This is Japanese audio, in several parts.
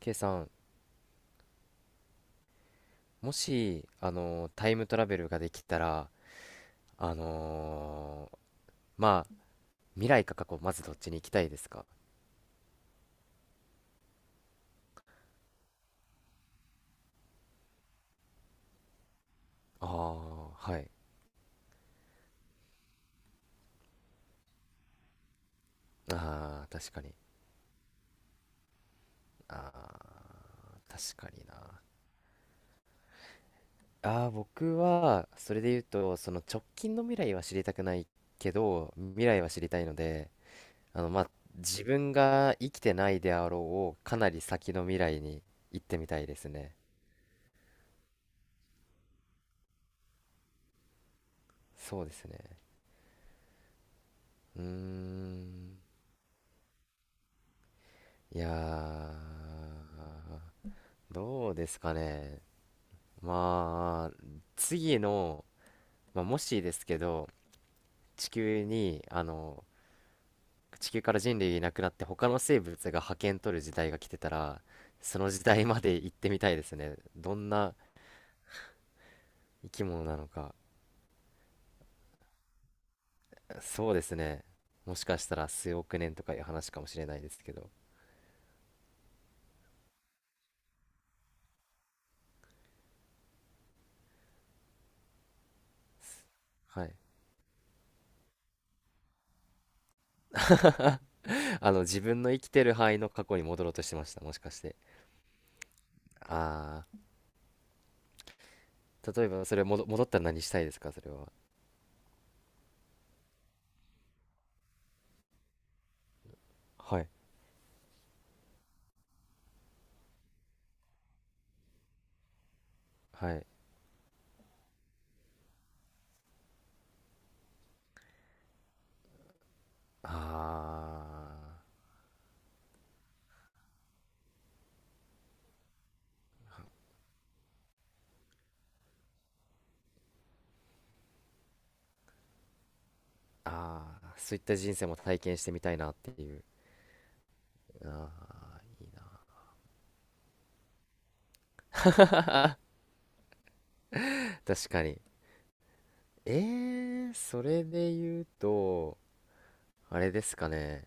K さん、もし、タイムトラベルができたら、あのーまあ、未来か過去、まずどっちに行きたいですか？ああー、はい。ああ、確かに。ああ、確かにな。ああ、僕は、それで言うと、その直近の未来は知りたくないけど、未来は知りたいので、まあ、自分が生きてないであろう、かなり先の未来に行ってみたいですね。そうですね。うーん。いやー、どうですかね。まあ、次の、まあ、もしですけど、地球に、地球から人類いなくなって他の生物が覇権取る時代が来てたら、その時代まで行ってみたいですね。どんな生き物なのか。そうですね。もしかしたら数億年とかいう話かもしれないですけど。はい。自分の生きてる範囲の過去に戻ろうとしてました。もしかして。ああ、例えばそれ戻ったら何したいですか、それは？はい。はい。あーあー、そういった人生も体験してみたいなっていう。ああ、いいな。確かに。えそれで言うと、あれですかね。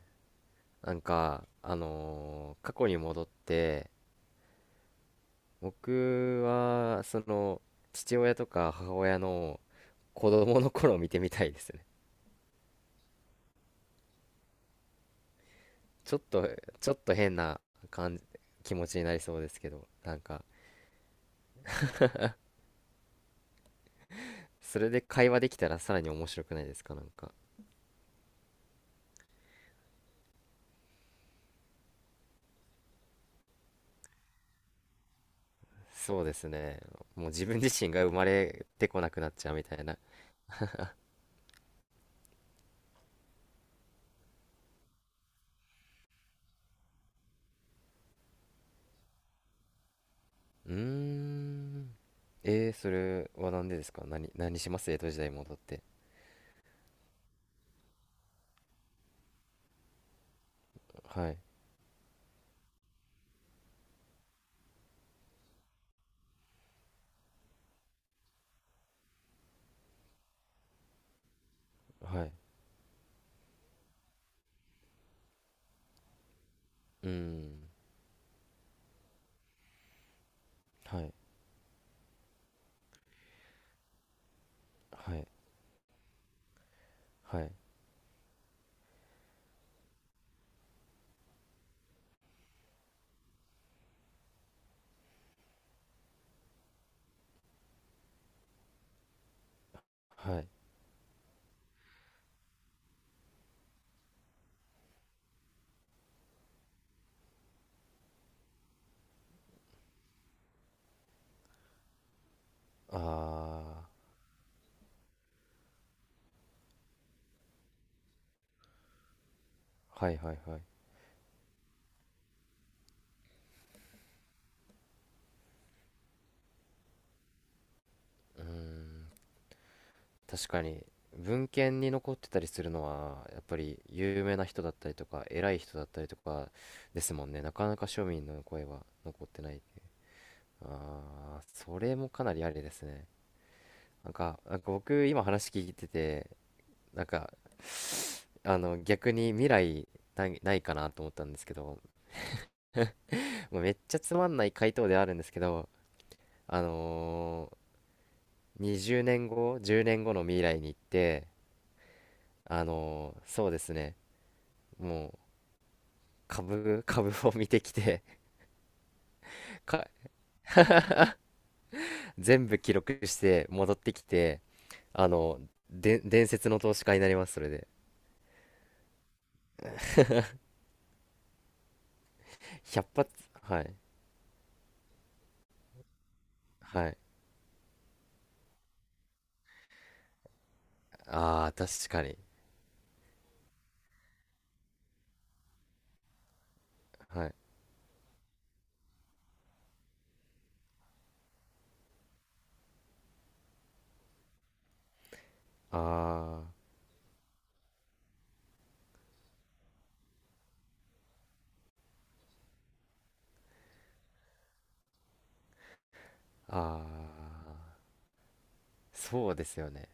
なんか、過去に戻って、僕は、父親とか母親の子供の頃を見てみたいですね。ちょっと、ちょっと変な感じ、気持ちになりそうですけど、なんか、それで会話できたらさらに面白くないですか、なんか？そうですね。もう自分自身が生まれてこなくなっちゃうみたいな。うーん。それはなんでですか？何します江戸時代に戻って？はい。はい。うーん。はい。はい。はい。はい。あー。はいはいはい。うーん。確かに、文献に残ってたりするのは、やっぱり有名な人だったりとか、偉い人だったりとかですもんね。なかなか庶民の声は残ってないって。あー、それもかなりありですね。なんか僕今話聞いてて、なんか、逆に未来ないないかなと思ったんですけど、もうめっちゃつまんない回答ではあるんですけど、あの20年後、10年後の未来に行って、そうですね、もう株を見てきて、か、全部記録して戻ってきて、あの、で、伝説の投資家になります、それで。100発、はい、はい。ああ、確かに。はい。ああ。ああ、そうですよね。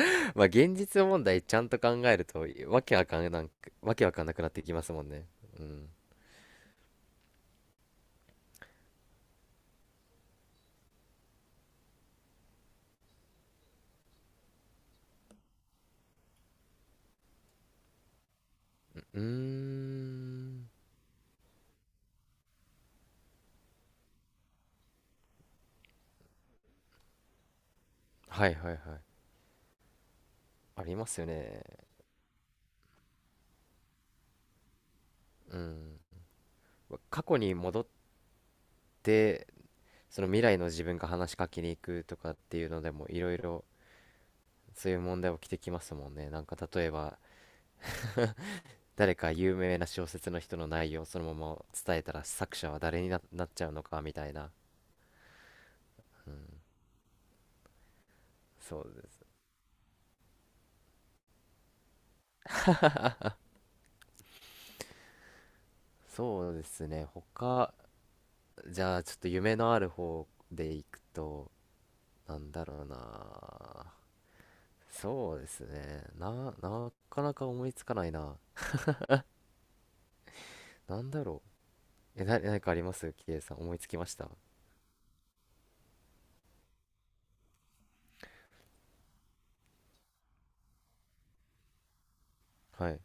まあ現実問題ちゃんと考えるとわけわかんなくなってきますもんね。うん。うーん。はいはいはい。ありますよね。うん。過去に戻って、その未来の自分が話しかけに行くとかっていうのでもいろいろそういう問題起きてきますもんね。なんか例えば、誰か有名な小説の人の内容をそのまま伝えたら作者は誰になっちゃうのかみたいな。うん。そうそうですね。じゃあちょっと夢のある方でいくと、なんだろうな。そうですね。なかなか思いつかないな。なんだろう。何かありますキイさん、思いつきました？はい。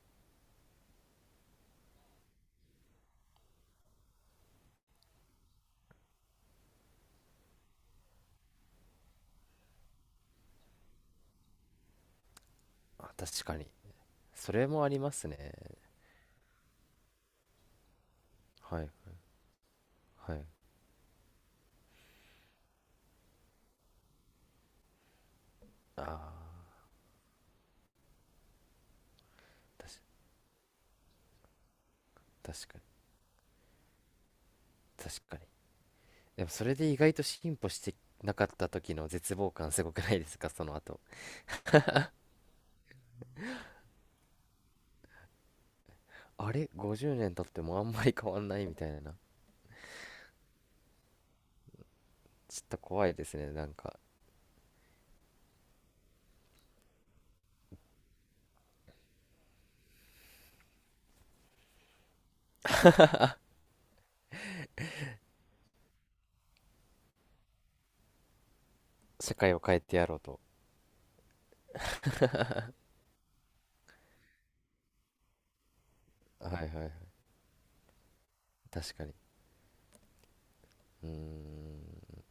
あ、確かに。それもありますね。はい、はい。ああ、たし、確かに、確かに。でもそれで意外と進歩してなかった時の絶望感すごくないですかその後？あれ？ 50 年経ってもあんまり変わんないみたいな。ちょっと怖いですね。なんか、社会を変えてやろうと。はいはいはい。確かに。うーん。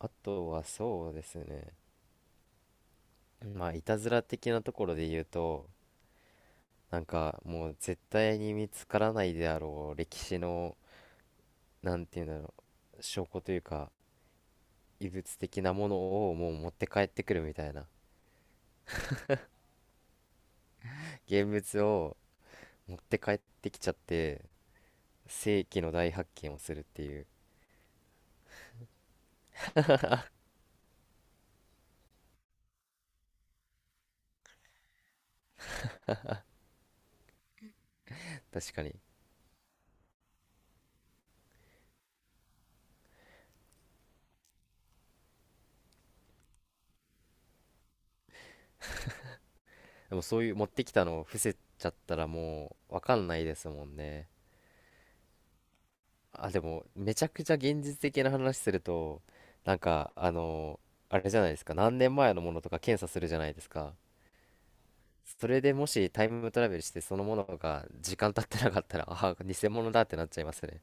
あとはそうですね。まあ、いたずら的なところで言うと、なんかもう絶対に見つからないであろう歴史の、なんていうんだろう、証拠というか、遺物的なものをもう持って帰ってくるみたいな。現物を持って帰ってきちゃって、世紀の大発見をするっていう。確かに。でもそういう持ってきたのを伏せちゃったらもうわかんないですもんね。あ、でもめちゃくちゃ現実的な話すると、なんか、あれじゃないですか、何年前のものとか検査するじゃないですか。それでもしタイムトラベルしてそのものが時間経ってなかったら、ああ、偽物だってなっちゃいますね。